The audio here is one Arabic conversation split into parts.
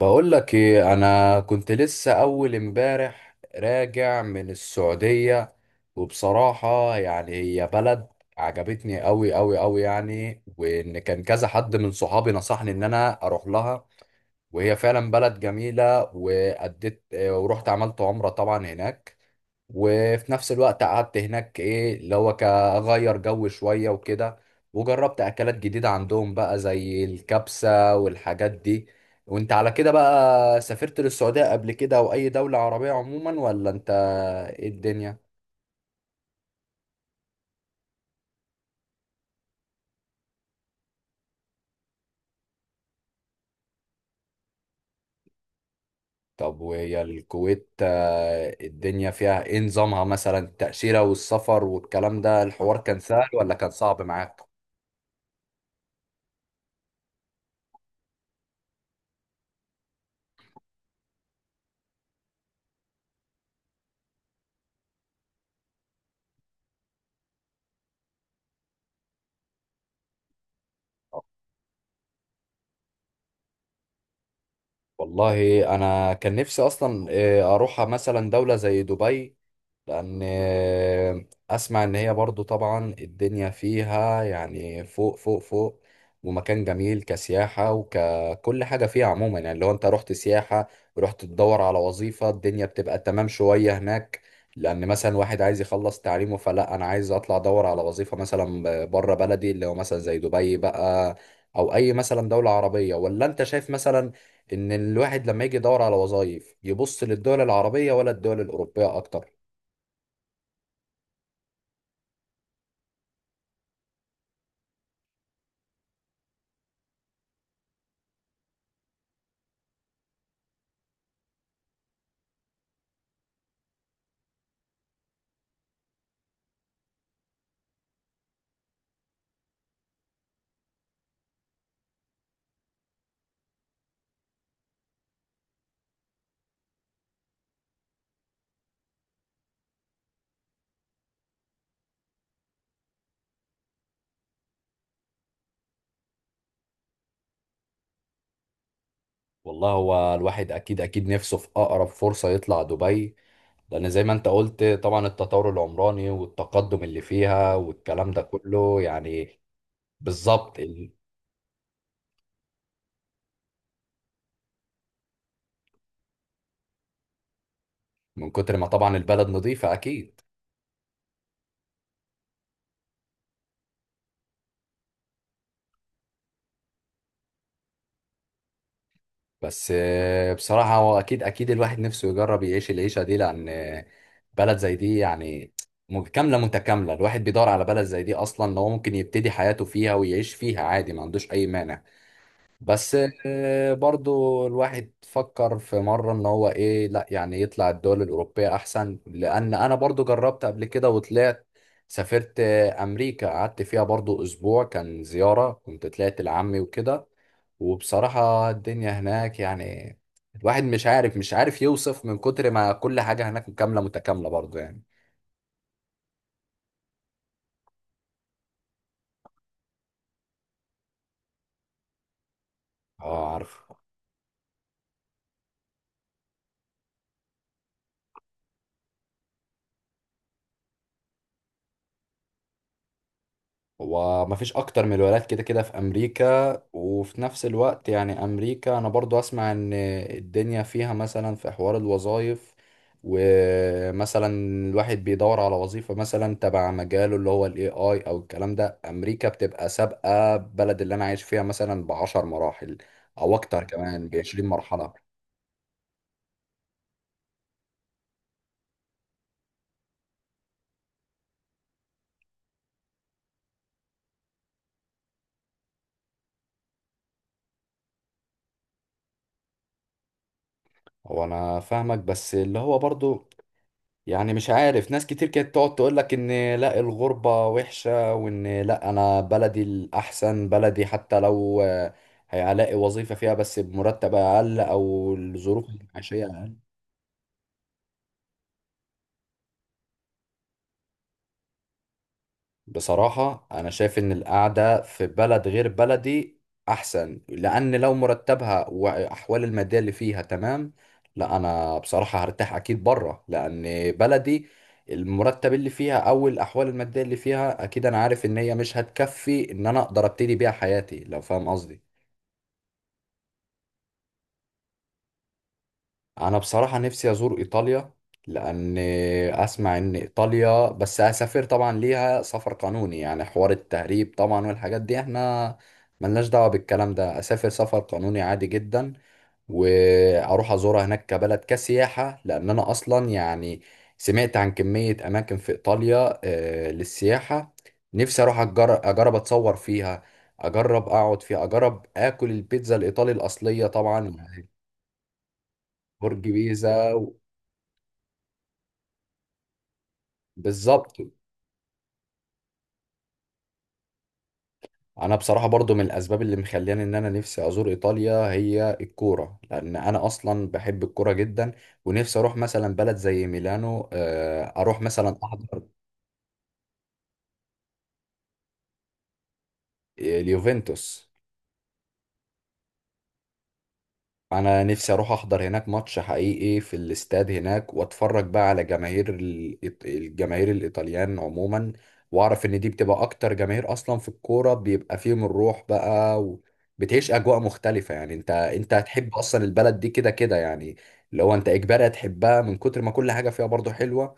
بقول لك ايه، انا كنت لسه اول امبارح راجع من السعودية. وبصراحة يعني هي بلد عجبتني قوي قوي قوي، يعني وان كان كذا حد من صحابي نصحني ان انا اروح لها. وهي فعلا بلد جميلة، وأديت ورحت عملت عمرة طبعا هناك. وفي نفس الوقت قعدت هناك، ايه اللي هو كأغير جو شوية وكده. وجربت أكلات جديدة عندهم بقى زي الكبسة والحاجات دي. وانت على كده بقى سافرت للسعودية قبل كده أو أي دولة عربية عموما ولا انت، ايه الدنيا؟ طب وهي الكويت الدنيا فيها ايه؟ نظامها مثلا التأشيرة والسفر والكلام ده الحوار كان سهل ولا كان صعب معاك؟ والله انا كان نفسي اصلا اروح مثلا دولة زي دبي، لان اسمع ان هي برضو طبعا الدنيا فيها يعني فوق فوق فوق، ومكان جميل كسياحة وككل حاجة فيها عموما. يعني لو انت رحت سياحة ورحت تدور على وظيفة الدنيا بتبقى تمام شوية هناك. لان مثلا واحد عايز يخلص تعليمه، فلا انا عايز اطلع ادور على وظيفة مثلا بره بلدي اللي هو مثلا زي دبي بقى، او اي مثلا دولة عربية. ولا انت شايف مثلا ان الواحد لما يجي يدور على وظائف يبص للدول العربية ولا الدول الأوروبية اكتر؟ والله هو الواحد اكيد اكيد نفسه في اقرب فرصة يطلع دبي، لان زي ما انت قلت طبعا التطور العمراني والتقدم اللي فيها والكلام ده كله يعني. بالظبط. من كتر ما طبعا البلد نظيفة اكيد. بس بصراحة هو اكيد اكيد الواحد نفسه يجرب يعيش العيشة دي، لان بلد زي دي يعني, كاملة متكاملة. الواحد بيدور على بلد زي دي اصلا لو ممكن يبتدي حياته فيها ويعيش فيها عادي، ما عندوش اي مانع. بس برضو الواحد فكر في مرة ان هو ايه، لا يعني يطلع الدول الأوروبية احسن، لان انا برضو جربت قبل كده وطلعت سافرت امريكا، قعدت فيها برضو اسبوع، كان زيارة كنت طلعت لعمي وكده. وبصراحة الدنيا هناك يعني الواحد مش عارف يوصف من كتر ما كل حاجة هناك كاملة متكاملة برضو يعني. اه عارف. ومفيش اكتر من الولايات كده كده في امريكا. وفي نفس الوقت يعني امريكا انا برضو اسمع ان الدنيا فيها مثلا في حوار الوظائف، ومثلا الواحد بيدور على وظيفة مثلا تبع مجاله اللي هو الاي اي او الكلام ده، امريكا بتبقى سابقة بلد اللي انا عايش فيها مثلا ب10 مراحل، او اكتر كمان ب20 مرحلة. هو انا فاهمك، بس اللي هو برضو يعني مش عارف ناس كتير كانت تقعد تقول لك ان لا الغربة وحشة، وان لا انا بلدي الاحسن، بلدي حتى لو هيلاقي وظيفة فيها بس بمرتب اقل او الظروف المعيشية اقل. بصراحة أنا شايف إن القعدة في بلد غير بلدي أحسن، لأن لو مرتبها وأحوال المادية اللي فيها تمام، لا أنا بصراحة هرتاح أكيد بره. لأن بلدي المرتب اللي فيها أو الأحوال المادية اللي فيها أكيد أنا عارف إن هي مش هتكفي إن أنا أقدر أبتدي بيها حياتي، لو فاهم قصدي. انا بصراحة نفسي ازور ايطاليا. لان اسمع ان ايطاليا، بس اسافر طبعا ليها سفر قانوني، يعني حوار التهريب طبعا والحاجات دي احنا ملناش دعوة بالكلام ده. اسافر سفر قانوني عادي جدا، واروح ازورها هناك كبلد كسياحة. لان انا اصلا يعني سمعت عن كمية اماكن في ايطاليا للسياحة. نفسي اروح اجرب اتصور فيها، اجرب اقعد فيها، اجرب اكل البيتزا الايطالي الاصلية طبعا يعني. برج بيزا بالظبط. انا بصراحه برضو من الاسباب اللي مخلياني ان انا نفسي ازور ايطاليا هي الكوره، لان انا اصلا بحب الكوره جدا. ونفسي اروح مثلا بلد زي ميلانو، اروح مثلا احضر اليوفنتوس. انا نفسي اروح احضر هناك ماتش حقيقي في الاستاد هناك، واتفرج بقى على جماهير الجماهير الايطاليان عموما. واعرف ان دي بتبقى اكتر جماهير اصلا في الكوره، بيبقى فيهم الروح بقى. وبتعيش اجواء مختلفه، يعني انت هتحب اصلا البلد دي كده كده يعني. لو انت اجباري هتحبها من كتر ما كل حاجه فيها برضو حلوه.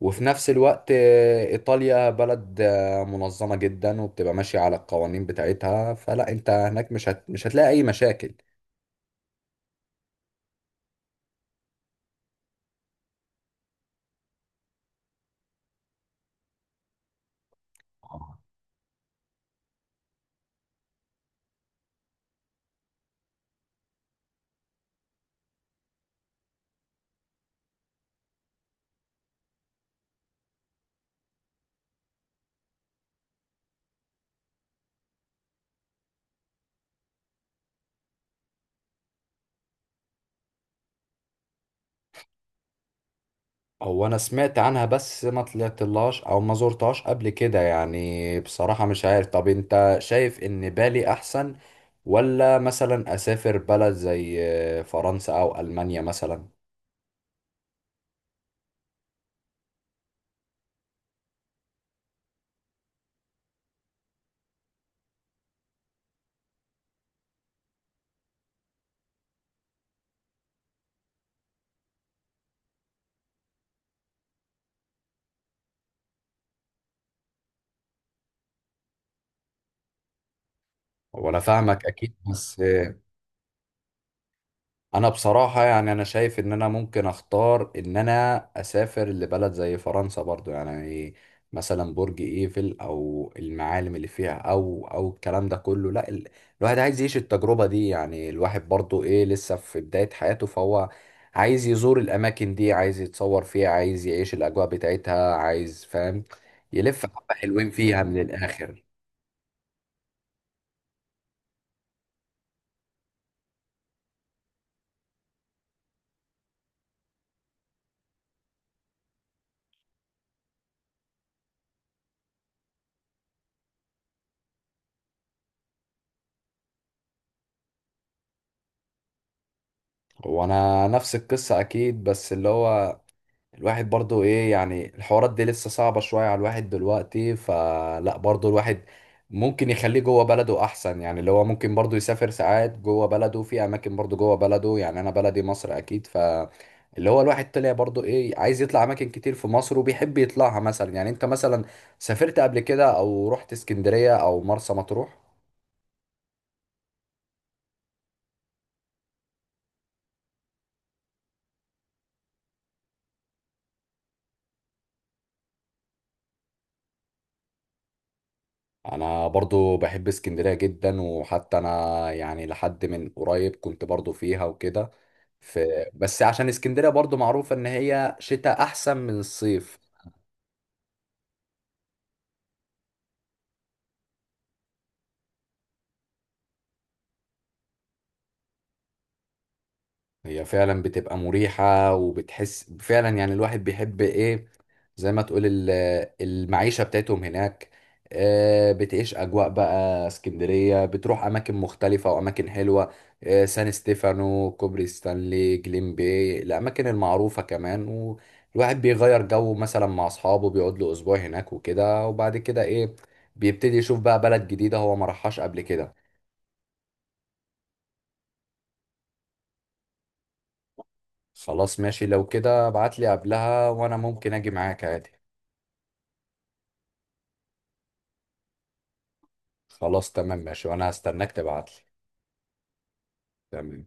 وفي نفس الوقت ايطاليا بلد منظمه جدا، وبتبقى ماشيه على القوانين بتاعتها، فلا انت هناك مش هتلاقي اي مشاكل. هو انا سمعت عنها بس ما طلعتلهاش او ما زرتهاش قبل كده يعني، بصراحة مش عارف. طب انت شايف ان بالي احسن، ولا مثلا اسافر بلد زي فرنسا او المانيا مثلا؟ وانا فاهمك اكيد بس. انا بصراحة يعني انا شايف ان انا ممكن اختار ان انا اسافر لبلد زي فرنسا برضو، يعني مثلا برج ايفل او المعالم اللي فيها او او الكلام ده كله. لا ال... الواحد عايز يعيش التجربة دي، يعني الواحد برضو ايه لسه في بداية حياته، فهو عايز يزور الاماكن دي، عايز يتصور فيها، عايز يعيش الاجواء بتاعتها، عايز فاهم يلف حبة حلوين فيها من الاخر. وانا نفس القصة اكيد، بس اللي هو الواحد برضو ايه يعني الحوارات دي لسه صعبة شوية على الواحد دلوقتي. فلا برضو الواحد ممكن يخليه جوه بلده احسن، يعني اللي هو ممكن برضو يسافر ساعات جوه بلده في اماكن برضو جوه بلده، يعني انا بلدي مصر اكيد. ف اللي هو الواحد طلع برضو ايه عايز يطلع اماكن كتير في مصر، وبيحب يطلعها مثلا. يعني انت مثلا سافرت قبل كده او رحت اسكندرية او مرسى مطروح؟ انا برضو بحب اسكندرية جدا، وحتى انا يعني لحد من قريب كنت برضو فيها وكده ف... بس عشان اسكندرية برضو معروفة ان هي شتاء احسن من الصيف. هي فعلا بتبقى مريحة، وبتحس فعلا يعني الواحد بيحب ايه، زي ما تقول, المعيشة بتاعتهم هناك. بتعيش أجواء بقى اسكندرية، بتروح أماكن مختلفة وأماكن حلوة، سان ستيفانو، كوبري ستانلي، جليم باي، الأماكن المعروفة كمان. والواحد بيغير جو مثلا مع أصحابه، بيقعد له أسبوع هناك وكده. وبعد كده ايه، بيبتدي يشوف بقى بلد جديدة هو ما راحهاش قبل كده. خلاص ماشي، لو كده ابعت لي قبلها وأنا ممكن أجي معاك عادي. خلاص تمام ماشي، وانا هستناك تبعتلي. تمام.